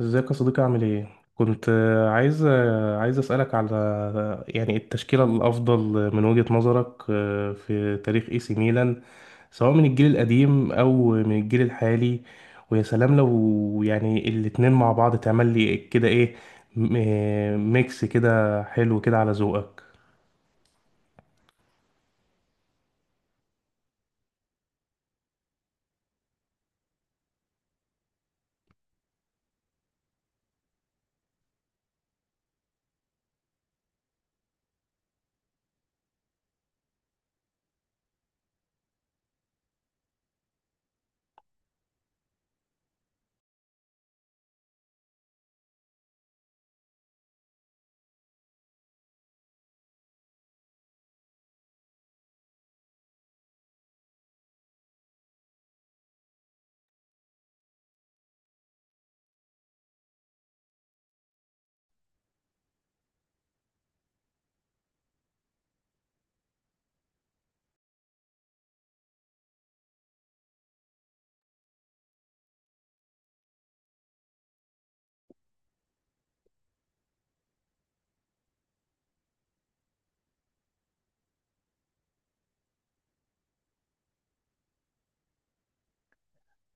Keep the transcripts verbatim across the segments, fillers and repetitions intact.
ازيك يا صديقي، عامل ايه؟ كنت آه، عايز آه، عايز اسالك على آه، يعني التشكيله الافضل من وجهه نظرك آه، في تاريخ اي سي ميلان، سواء من الجيل القديم او من الجيل الحالي. ويا سلام لو يعني الاتنين مع بعض تعمل لي كده ايه، م- آه، ميكس كده حلو كده على ذوقك.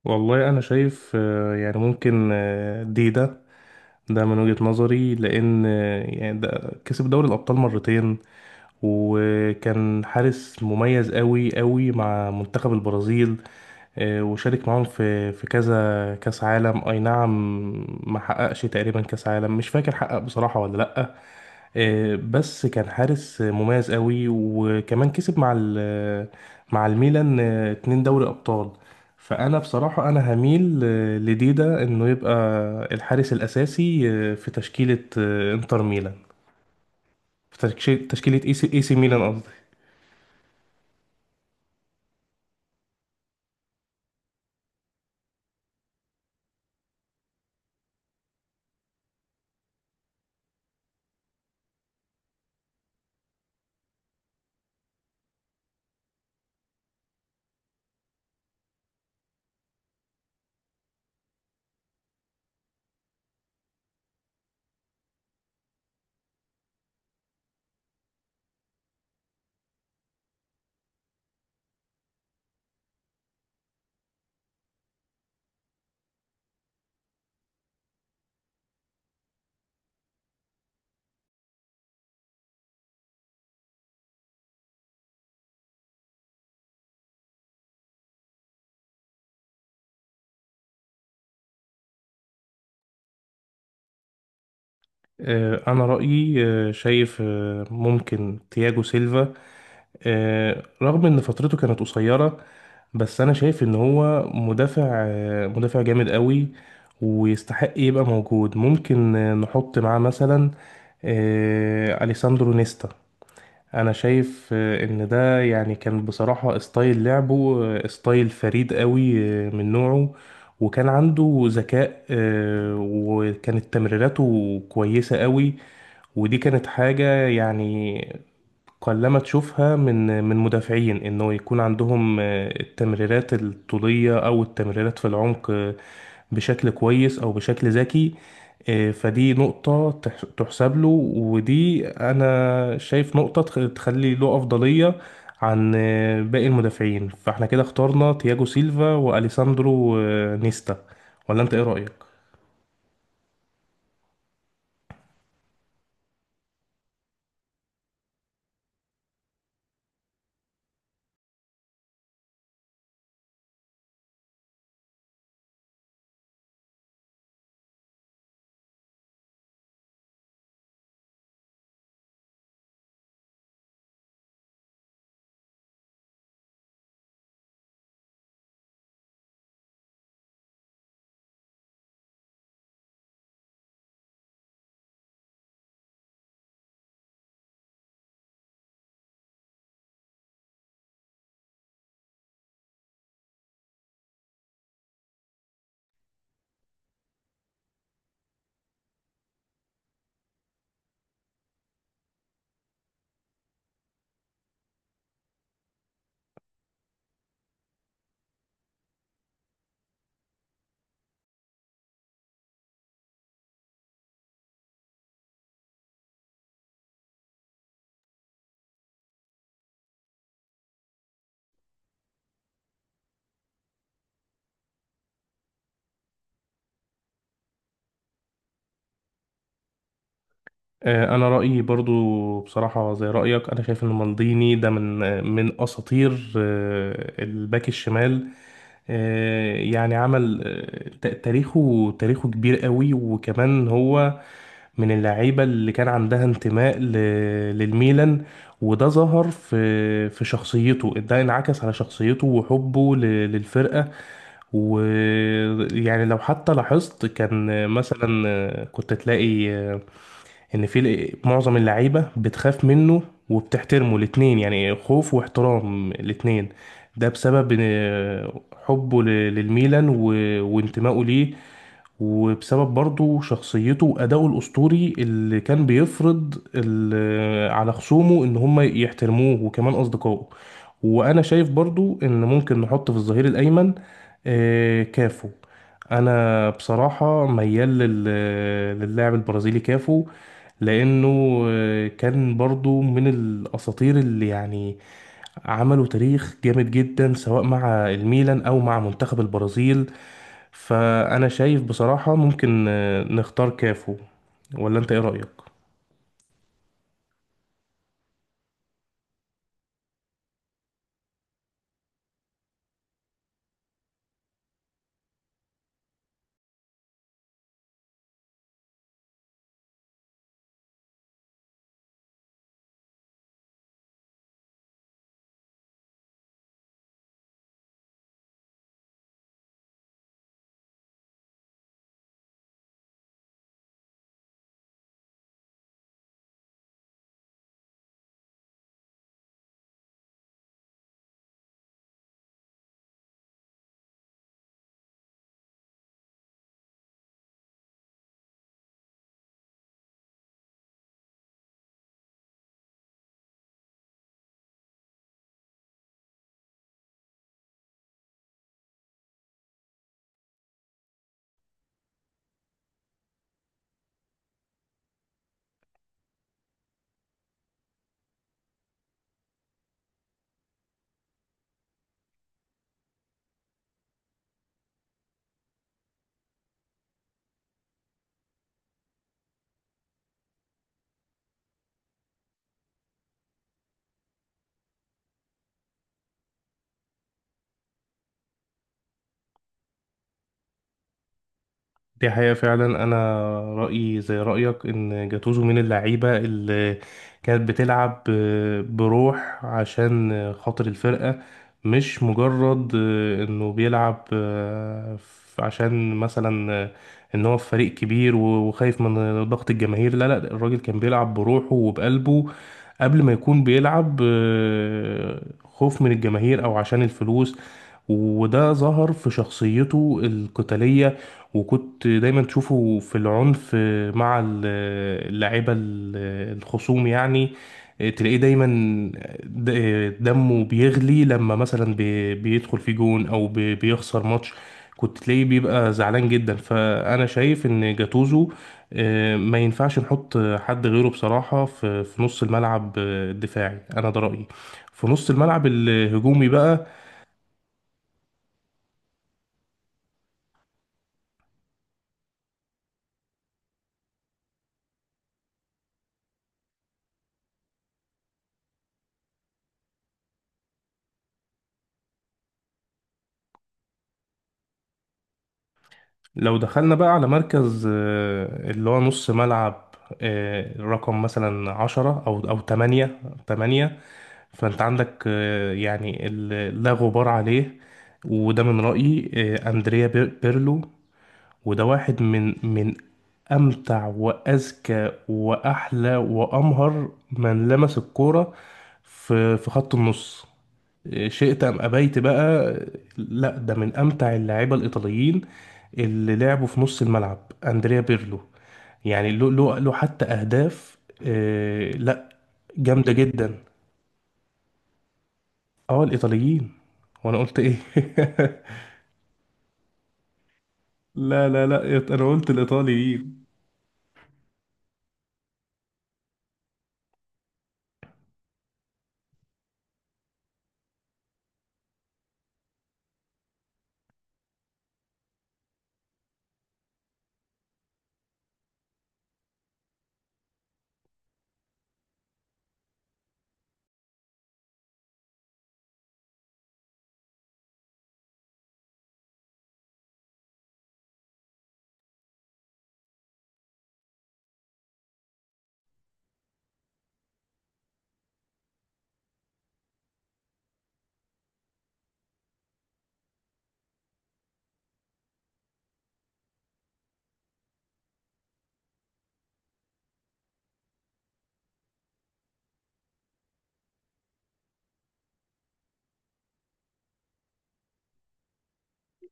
والله انا شايف آه، يعني ممكن آه، دي ده. ده من وجهه نظري، لان آه، يعني ده كسب دوري الابطال مرتين، وكان حارس مميز قوي قوي مع منتخب البرازيل. آه، وشارك معاهم في في كذا كاس عالم. اي نعم، ما حققش تقريبا كاس عالم، مش فاكر حقق بصراحة ولا لا. آه، بس كان حارس مميز قوي، وكمان كسب مع ال- مع الميلان آه، اتنين دوري ابطال. فانا بصراحة انا هميل آه، لديدا انه يبقى الحارس الاساسي آه، في تشكيلة آه، انتر ميلان، في تشكيلة تشكيلة اي سي إي سي ميلان قصدي. آه، أنا رأيي آه، شايف آه، ممكن تياجو سيلفا، آه، رغم إن فترته كانت قصيرة، بس أنا شايف إن هو مدافع آه، مدافع جامد قوي، ويستحق يبقى موجود. ممكن آه، نحط معاه مثلا آه، أليساندرو نيستا. أنا شايف آه، إن ده يعني كان بصراحة ستايل لعبه، آه، ستايل فريد قوي آه، من نوعه، وكان عنده ذكاء، آه، وكانت تمريراته كويسة قوي. ودي كانت حاجة يعني قلما تشوفها من من مدافعين، انه يكون عندهم آه، التمريرات الطولية او التمريرات في العمق آه، بشكل كويس او بشكل ذكي. آه، فدي نقطة تح- تحسب له، ودي انا شايف نقطة تخ- تخلي له افضلية عن آه، باقي المدافعين. فاحنا كده اخترنا تياجو سيلفا واليساندرو آه، نيستا، ولا انت ايه رأيك؟ آه، انا رايي برضو بصراحه زي رايك. انا شايف ان مالديني ده من آه، من اساطير آه، الباك الشمال. آه، يعني عمل آه، ت- تاريخه تاريخه كبير قوي، وكمان هو من اللعيبه اللي كان عندها انتماء ل- للميلان، وده ظهر في في شخصيته، ده انعكس على شخصيته وحبه ل- للفرقه. ويعني لو حتى لاحظت، كان آه، مثلا آه، كنت تلاقي آه، ان في ل- معظم اللعيبه بتخاف منه وبتحترمه، الاتنين، يعني خوف واحترام الاتنين. ده بسبب إن- حبه ل- للميلان و- وانتمائه ليه، وبسبب برضه شخصيته وأدائه الأسطوري اللي كان بيفرض ال- على خصومه إن هم يحترموه وكمان أصدقائه. وأنا شايف برضه إن ممكن نحط في الظهير الأيمن آه، كافو. أنا بصراحة ميال لل- للاعب البرازيلي كافو، لأنه آه، كان برضه من الأساطير اللي يعني عملوا تاريخ جامد جدا سواء مع الميلان او مع منتخب البرازيل. فانا شايف بصراحة ممكن آه، نختار كافو، ولا انت ايه رأيك؟ دي حقيقة فعلا. أنا رأيي زي رأيك، إن جاتوزو من اللعيبة اللي كانت بتلعب ب- بروح عشان خاطر الفرقة، مش مجرد إنه بيلعب عشان مثلا إن هو في فريق كبير وخايف من ضغط الجماهير. لا لا، الراجل كان بيلعب بروحه وبقلبه قبل ما يكون بيلعب خوف من الجماهير أو عشان الفلوس. وده ظهر في شخصيته القتالية، وكنت دايما تشوفه في العنف مع ال- اللعيبة ال- الخصوم، يعني تلاقيه دايما د- دمه بيغلي لما مثلا بي- بيدخل في جون او بي- بيخسر ماتش، كنت تلاقيه بيبقى زعلان جدا. فانا شايف ان جاتوزو آه، ما ينفعش نحط حد غيره بصراحة في في نص الملعب آه، الدفاعي، انا ده رأيي. في نص الملعب الهجومي بقى، لو دخلنا بقى على مركز آه، اللي هو نص ملعب آه، رقم مثلا عشرة أو أو تمانية تمانية، فأنت عندك آه، يعني ال- لا غبار عليه، وده من رأيي آه، أندريا بير- بيرلو. وده واحد من من أمتع وأذكى وأحلى وأمهر من لمس الكورة في في خط النص، شئت أم أبيت بقى. لا، ده من أمتع اللاعيبة الإيطاليين اللي لعبوا في نص الملعب، أندريا بيرلو. يعني له له له حتى أهداف آه، لا، جامدة جدا. اه، الإيطاليين، وأنا قلت إيه؟ لا لا لا، أنا قلت الإيطاليين.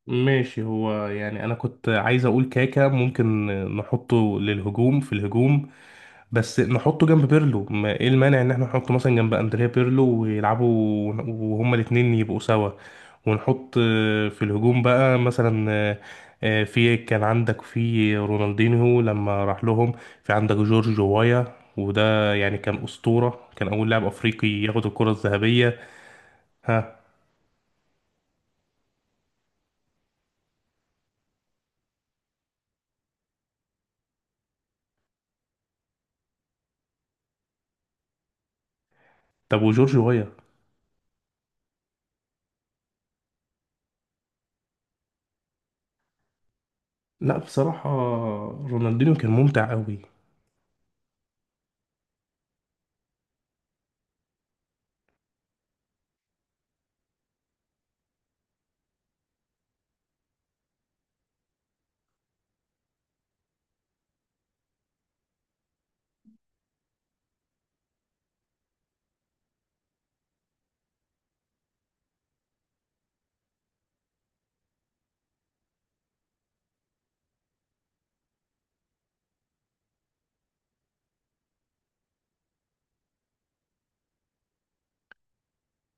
ماشي. هو يعني أنا كنت عايز أقول كاكا، ممكن نحطه للهجوم، في الهجوم، بس نحطه جنب بيرلو. ما ايه المانع ان احنا نحطه مثلا جنب اندريا بيرلو ويلعبوا، وهما الاتنين يبقوا سوا، ونحط آه، في الهجوم بقى مثلا آه، آه، في كان عندك في رونالدينيو لما راح لهم، في عندك جورج وايا، وده يعني كان أسطورة، كان أول لاعب أفريقي ياخد الكرة الذهبية. ها، طب وجورج وايا؟ لا، بصراحة رونالدينيو كان ممتع قوي.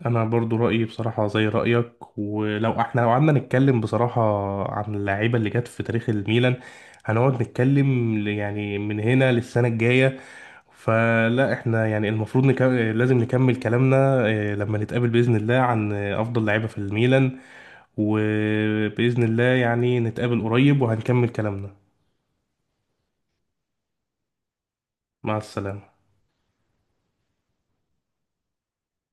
انا برضو رايي بصراحه زي رايك، ولو احنا لو قعدنا نتكلم بصراحه عن اللعيبه اللي جت في تاريخ الميلان هنقعد نتكلم ل- يعني من هنا للسنه الجايه، فلا احنا يعني المفروض نكمل، لازم نكمل كلامنا آه، لما نتقابل باذن الله عن آه، افضل لعيبه في الميلان، وباذن الله يعني نتقابل قريب وهنكمل كلامنا. مع السلامه.